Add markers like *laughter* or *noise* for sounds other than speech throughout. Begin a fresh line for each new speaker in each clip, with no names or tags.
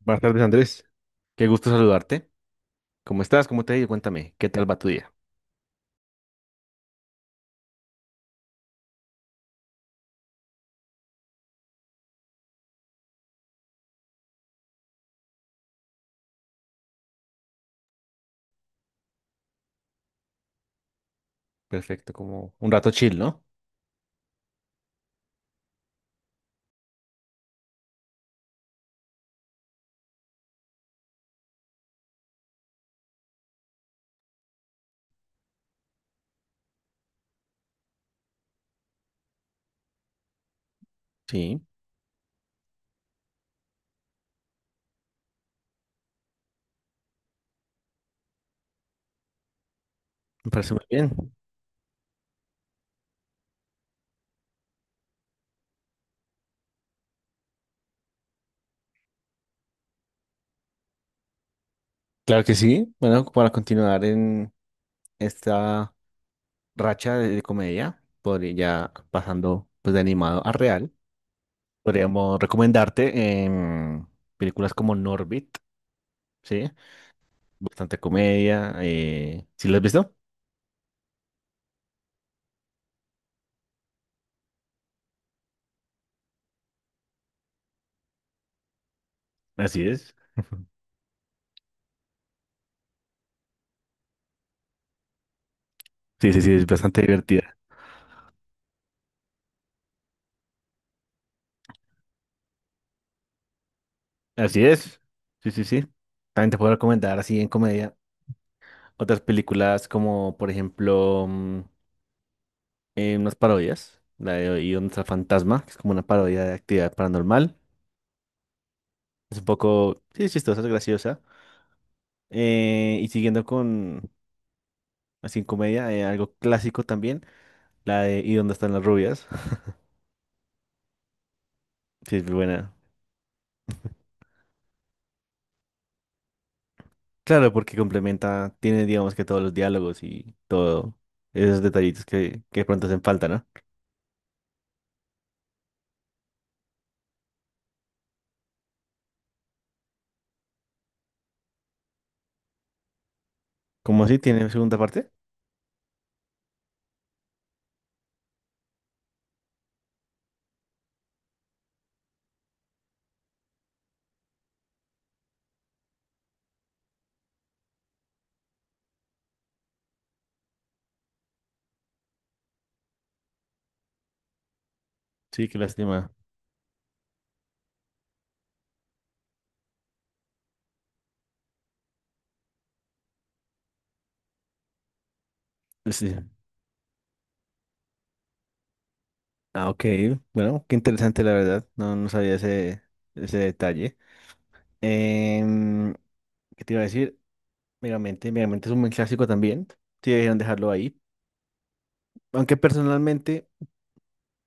Buenas tardes, Andrés. Qué gusto saludarte. ¿Cómo estás? ¿Cómo te ha ido? Cuéntame, ¿qué tal va tu día? Perfecto, como un rato chill, ¿no? Sí, me parece muy bien. Claro que sí. Bueno, para continuar en esta racha de comedia, podría ya pasando pues de animado a real, podríamos recomendarte películas como Norbit, ¿sí? Bastante comedia. ¿Sí la has visto? Así es. Sí, sí, sí, es bastante divertida. Así es. Sí, sí, sí. También te puedo recomendar así en comedia. Otras películas como, por ejemplo, unas parodias, la de Y dónde está el fantasma, que es como una parodia de actividad paranormal. Es un poco, sí, es chistosa, es graciosa. Y siguiendo con así en comedia, algo clásico también, la de ¿Y dónde están las rubias? *laughs* Sí, es muy buena. Claro, porque complementa, tiene, digamos que todos los diálogos y todo, esos detallitos que de pronto hacen falta, ¿no? Como así, tiene segunda parte. Sí, qué lástima. Sí. Ah, ok. Bueno, qué interesante la verdad. No, no sabía ese detalle. Em, ¿Qué te iba a decir? Megamente, Megamente es un buen clásico también. Sí, debieron dejarlo ahí. Aunque personalmente,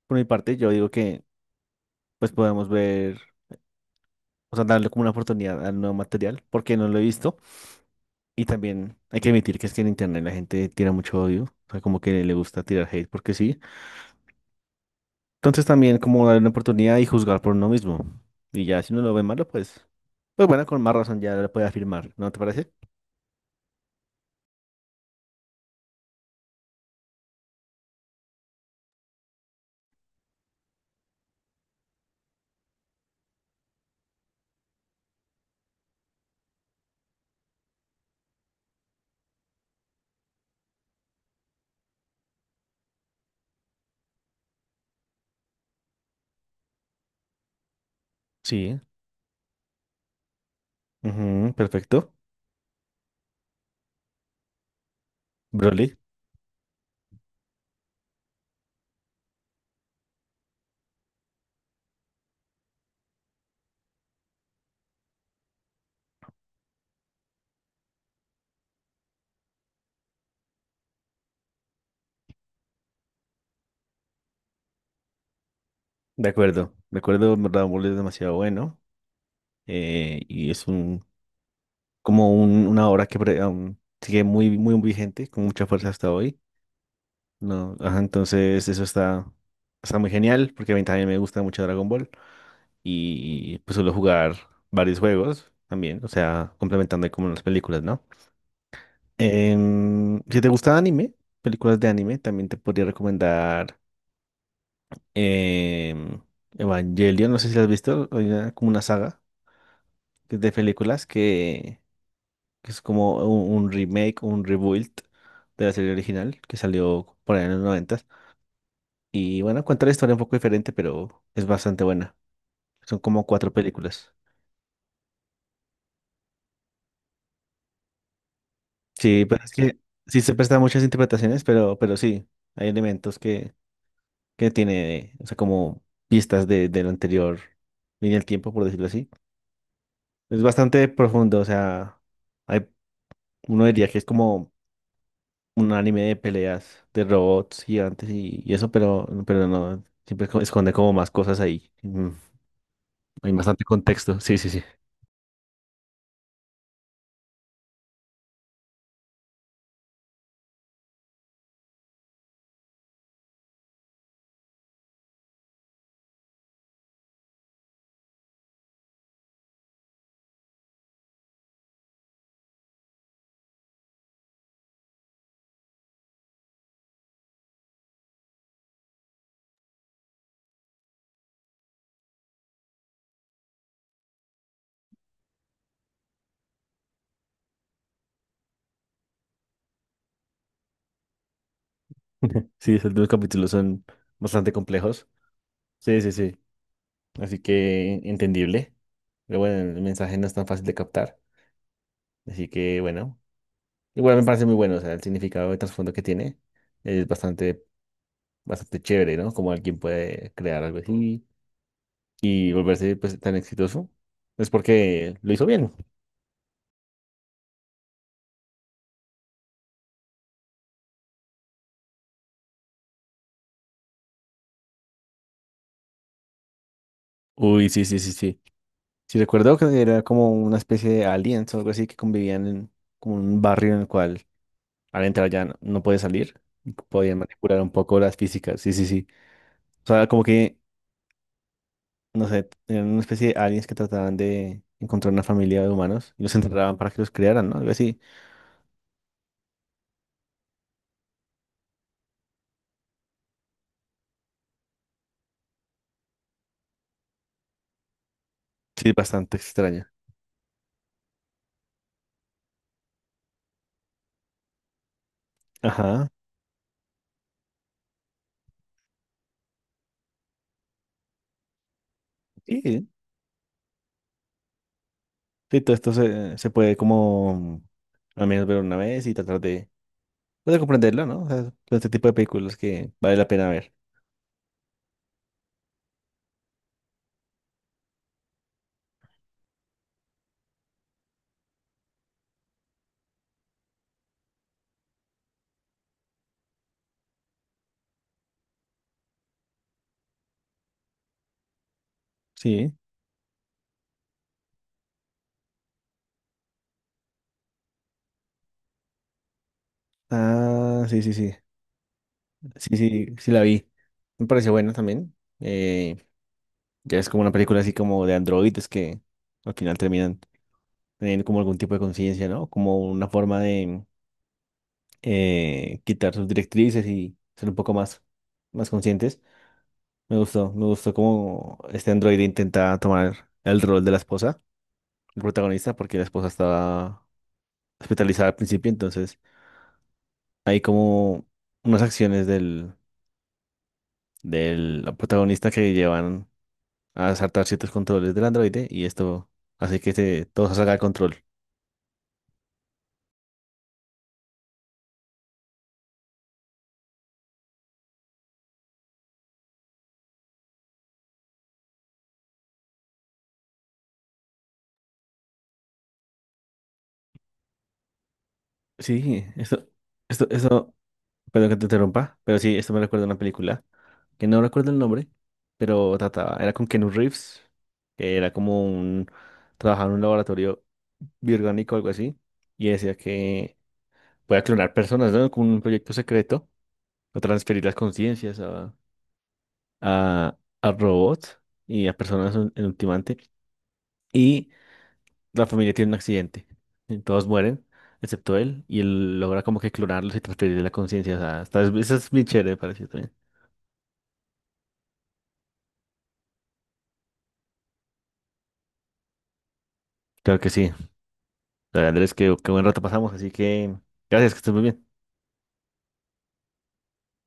por mi parte, yo digo que pues podemos ver, o sea, darle como una oportunidad al nuevo material, porque no lo he visto. Y también hay que admitir que es que en internet la gente tira mucho odio. O sea, como que le gusta tirar hate porque sí. Entonces también como darle una oportunidad y juzgar por uno mismo. Y ya si uno lo ve malo, pues, pues bueno, con más razón ya lo puede afirmar, ¿no te parece? Sí. Ujú, perfecto. Broly. De acuerdo. De acuerdo, en verdad, Broly es demasiado bueno. Y es un una obra que aún sigue muy, muy vigente, con mucha fuerza hasta hoy. No, ajá, entonces está muy genial porque a mí también me gusta mucho Dragon Ball y pues suelo jugar varios juegos también, o sea, complementando ahí como las películas, ¿no? Si te gusta anime, películas de anime, también te podría recomendar em, Evangelion, no sé si la has visto, hay como una saga que es de películas que es como un remake, un rebuild de la serie original que salió por ahí en los 90. Y bueno, cuenta la historia un poco diferente, pero es bastante buena. Son como cuatro películas. Sí, pero es que sí se prestan muchas interpretaciones, pero sí, hay elementos que tiene, o sea, como pistas de la anterior línea del tiempo, por decirlo así. Es bastante profundo, o sea, hay, uno diría que es como un anime de peleas de robots gigantes y eso, pero no, siempre esconde como más cosas ahí. Mm, hay bastante contexto, sí, sí, sí. *laughs* Sí, esos dos capítulos son bastante complejos. Sí, sí, sí. Así que entendible. Pero bueno, el mensaje no es tan fácil de captar. Así que bueno, igual me parece muy bueno. O sea, el significado de trasfondo que tiene es bastante, bastante chévere, ¿no? Como alguien puede crear algo así y volverse pues, tan exitoso. Es porque lo hizo bien. Uy, sí, sí, sí, sí. Sí, recuerdo que era como una especie de aliens o algo así que convivían en como un barrio en el cual al entrar ya no puede salir. Podían manipular un poco las físicas, sí, sí, sí. O sea, como que, no sé, eran una especie de aliens que trataban de encontrar una familia de humanos y los enterraban para que los criaran, ¿no? Algo así. Sí, bastante extraño. Ajá. Sí, sí, todo se puede como al menos ver una vez y tratar pues, de comprenderlo, ¿no? O sea, todo este tipo de películas que vale la pena ver. Sí. Ah, sí, sí, sí. Sí, sí, sí la vi. Me pareció buena también. Ya es como una película así como de androides que al final terminan teniendo como algún tipo de conciencia, ¿no? Como una forma de quitar sus directrices y ser un poco más, más conscientes. Me gustó cómo este androide intenta tomar el rol de la esposa, el protagonista, porque la esposa estaba hospitalizada al principio, entonces hay como unas acciones del protagonista que llevan a saltar ciertos controles del androide y esto hace todo se salga de control. Sí, esto, eso, perdón que te interrumpa, pero sí, esto me recuerda a una película que no recuerdo el nombre, pero trataba, era con Keanu Reeves, que era como trabajaba en un laboratorio biorgánico o algo así, y decía que podía clonar personas, ¿no? Con un proyecto secreto, o transferir las conciencias a, a robots y a personas en ultimante. Y la familia tiene un accidente y todos mueren, excepto él, y él logra como que clonarlos y transferirle la conciencia. O sea, está, eso es bien chévere, me pareció también. Claro que sí. O Andrés, qué buen rato pasamos, así que gracias, que estés muy bien.